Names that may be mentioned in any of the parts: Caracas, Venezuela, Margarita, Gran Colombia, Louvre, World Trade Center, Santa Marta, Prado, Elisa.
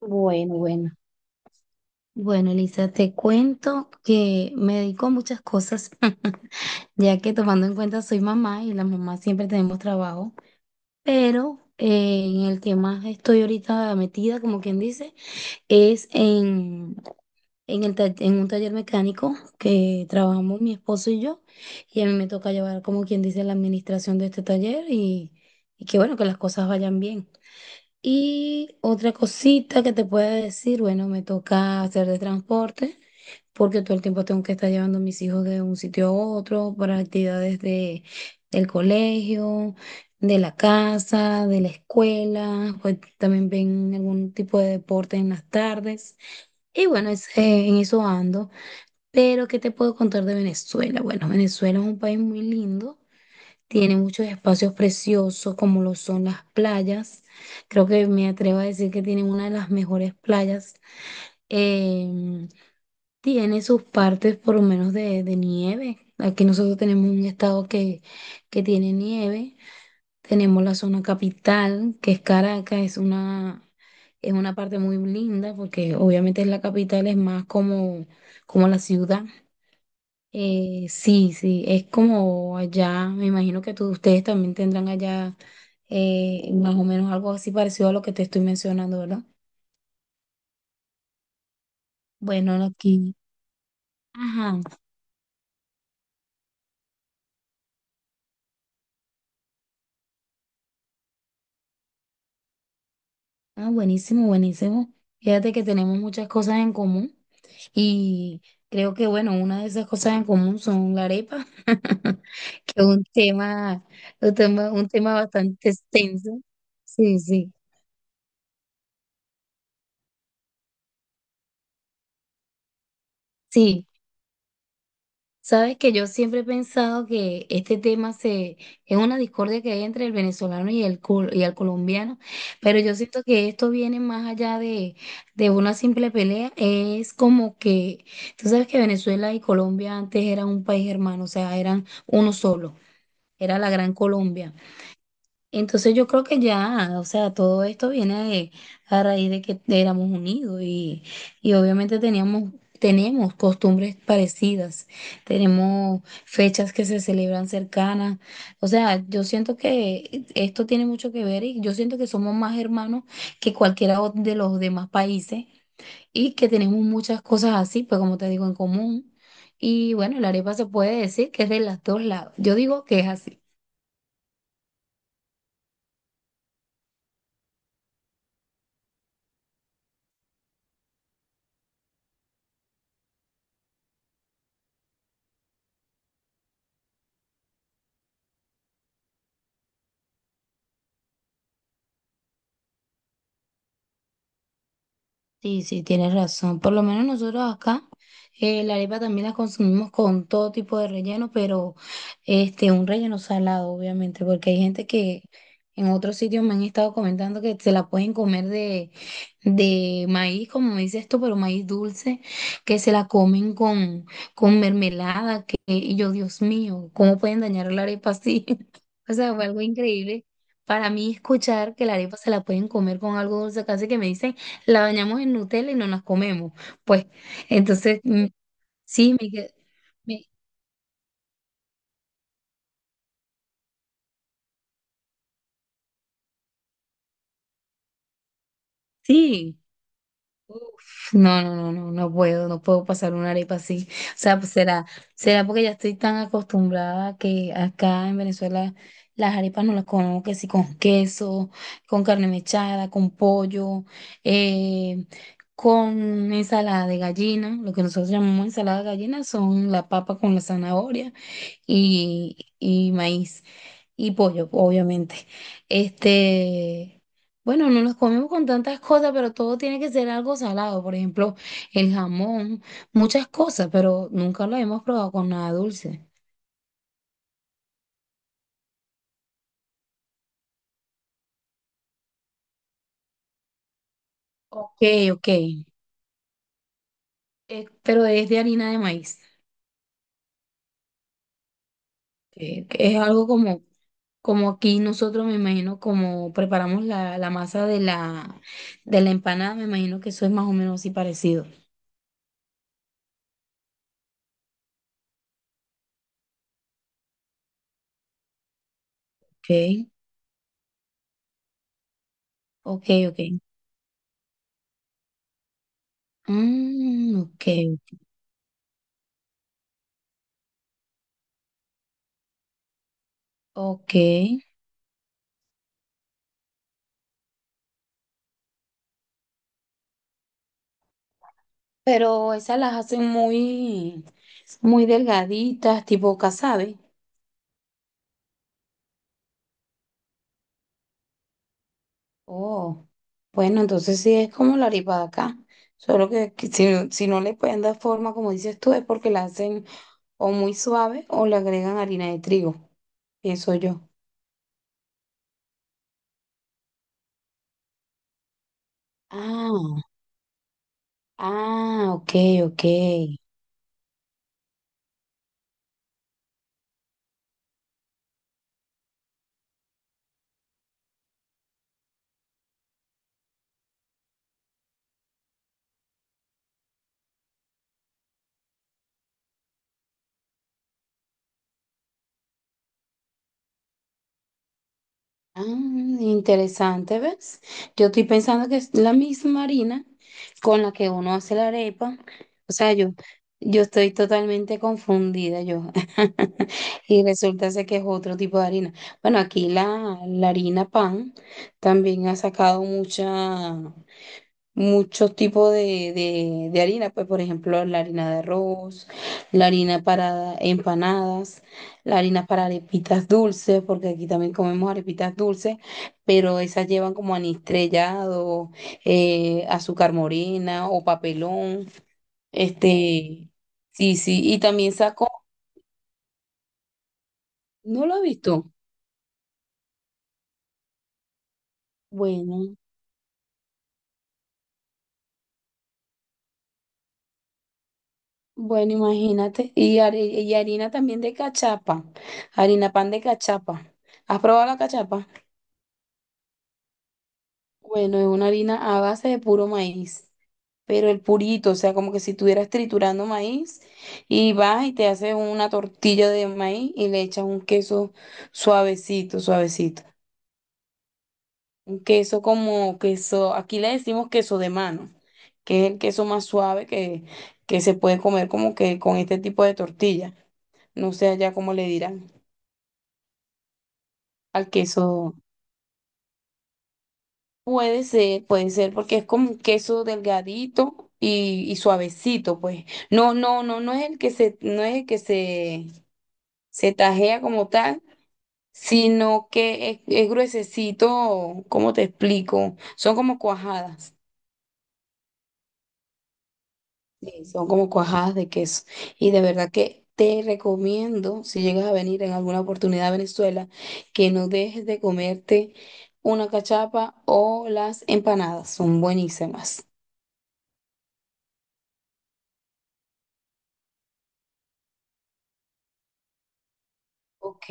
Bueno, bueno. Bueno, Elisa, te cuento que me dedico a muchas cosas, ya que tomando en cuenta soy mamá y las mamás siempre tenemos trabajo, pero en el que más estoy ahorita metida, como quien dice, es en, en un taller mecánico que trabajamos mi esposo y yo, y a mí me toca llevar, como quien dice, la administración de este taller y que bueno, que las cosas vayan bien. Y otra cosita que te pueda decir, bueno, me toca hacer de transporte, porque todo el tiempo tengo que estar llevando a mis hijos de un sitio a otro para actividades del colegio, de la casa, de la escuela, pues también ven algún tipo de deporte en las tardes. Y bueno, es, en eso ando. Pero, ¿qué te puedo contar de Venezuela? Bueno, Venezuela es un país muy lindo. Tiene muchos espacios preciosos como lo son las playas. Creo que me atrevo a decir que tiene una de las mejores playas. Em, Tiene sus partes por lo menos de nieve. Aquí nosotros tenemos un estado que tiene nieve. Tenemos la zona capital, que es Caracas, es una parte muy linda porque obviamente es la capital, es más como, como la ciudad. Sí, sí, es como allá, me imagino que ustedes también tendrán allá más o menos algo así parecido a lo que te estoy mencionando, ¿verdad? Bueno, no, aquí, ajá, ah, buenísimo, buenísimo. Fíjate que tenemos muchas cosas en común y creo que, bueno, una de esas cosas en común son la arepa, que es un tema bastante extenso. Sí, sí, sí. Sabes que yo siempre he pensado que es una discordia que hay entre el venezolano y el colombiano, pero yo siento que esto viene más allá de una simple pelea. Es como que, tú sabes que Venezuela y Colombia antes eran un país hermano, o sea, eran uno solo, era la Gran Colombia. Entonces yo creo que ya, o sea, todo esto viene de- a raíz de que éramos unidos y obviamente tenemos costumbres parecidas, tenemos fechas que se celebran cercanas, o sea, yo siento que esto tiene mucho que ver y yo siento que somos más hermanos de los demás países y que tenemos muchas cosas así, pues como te digo, en común. Y bueno, la arepa se puede decir que es de los dos lados, yo digo que es así. Sí, sí, tienes razón. Por lo menos nosotros acá, la arepa también la consumimos con todo tipo de relleno, pero este, un relleno salado, obviamente, porque hay gente que en otros sitios me han estado comentando que se la pueden comer de maíz, como dices esto, pero maíz dulce, que se la comen con mermelada, que, y yo, Dios mío, ¿cómo pueden dañar la arepa así? O sea, fue algo increíble. Para mí escuchar que la arepa se la pueden comer con algo dulce, casi que me dicen la bañamos en Nutella y no nos comemos. Pues, entonces, sí, me, que- me- sí. Uf, no, no, no, no, no puedo, no puedo pasar una arepa así. O sea, pues será, será porque ya estoy tan acostumbrada a que acá en Venezuela las arepas no las comemos que sí con queso, con carne mechada, con pollo, eh, con ensalada de gallina. Lo que nosotros llamamos ensalada de gallina son la papa con la zanahoria y maíz. Y pollo, obviamente. Este, bueno, no los comemos con tantas cosas, pero todo tiene que ser algo salado. Por ejemplo, el jamón, muchas cosas, pero nunca lo hemos probado con nada dulce. Ok, ok. Pero es de harina de maíz. Que es algo como, como aquí nosotros, me imagino, como preparamos la masa de la empanada, me imagino que eso es más o menos así parecido. Ok, ok, ok. Mm, ok, ok. Pero esas las hacen muy, muy delgaditas, tipo casabe. Oh, bueno, entonces sí es como la arepa de acá. Solo que si no le pueden dar forma, como dices tú, es porque la hacen o muy suave o le agregan harina de trigo. Pienso yo. Ah, ok, ok. Ah, interesante, ¿ves? Yo estoy pensando que es la misma harina con la que uno hace la arepa. O sea, yo estoy totalmente confundida yo. Y resulta ser que es otro tipo de harina. Bueno, la harina pan también ha sacado mucha muchos tipos de harina, pues por ejemplo la harina de arroz, la harina para empanadas, la harina para arepitas dulces, porque aquí también comemos arepitas dulces, pero esas llevan como anís estrellado, azúcar morena o papelón, este, sí, sí, y también saco, ¿no lo has visto? Bueno. Bueno, imagínate, y harina también de cachapa, harina pan de cachapa. ¿Has probado la cachapa? Bueno, es una harina a base de puro maíz, pero el purito, o sea, como que si estuvieras triturando maíz y vas y te haces una tortilla de maíz y le echas un queso suavecito, suavecito. Un queso como queso, aquí le decimos queso de mano, que es el queso más suave que se puede comer como que con este tipo de tortilla. No sé allá cómo le dirán al queso. Puede ser, porque es como un queso delgadito y suavecito, pues. No, no, no, no es el que se, no es el que se tajea como tal, sino que es gruesecito, ¿cómo te explico? Son como cuajadas, sí, son como cuajadas de queso. Y de verdad que te recomiendo, si llegas a venir en alguna oportunidad a Venezuela, que no dejes de comerte una cachapa o las empanadas, son buenísimas. Ok.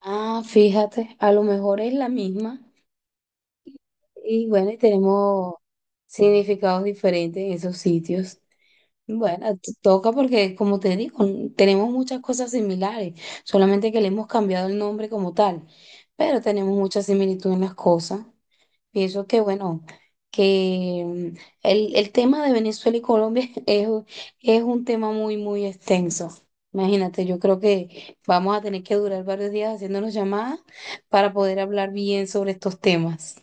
Ah, fíjate, a lo mejor es la misma. Y bueno, y tenemos significados diferentes en esos sitios. Bueno, toca porque, como te digo, tenemos muchas cosas similares, solamente que le hemos cambiado el nombre como tal, pero tenemos mucha similitud en las cosas. Pienso que, bueno, que mm, el tema de Venezuela y Colombia es un tema muy, muy extenso. Imagínate, yo creo que vamos a tener que durar varios días haciéndonos llamadas para poder hablar bien sobre estos temas.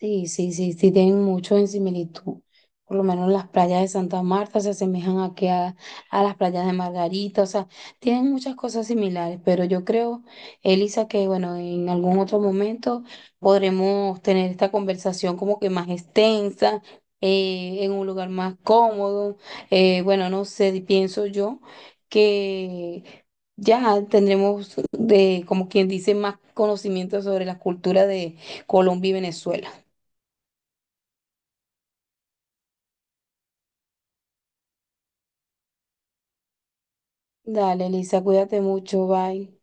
Sí, sí, sí, sí, tienen mucho en similitud. Por lo menos las playas de Santa Marta se asemejan a las playas de Margarita, o sea, tienen muchas cosas similares, pero yo creo, Elisa, que bueno, en algún otro momento podremos tener esta conversación como que más extensa, en un lugar más cómodo. Eh, bueno, no sé, pienso yo que ya tendremos como quien dice, más conocimiento sobre la cultura de Colombia y Venezuela. Dale, Lisa, cuídate mucho, bye.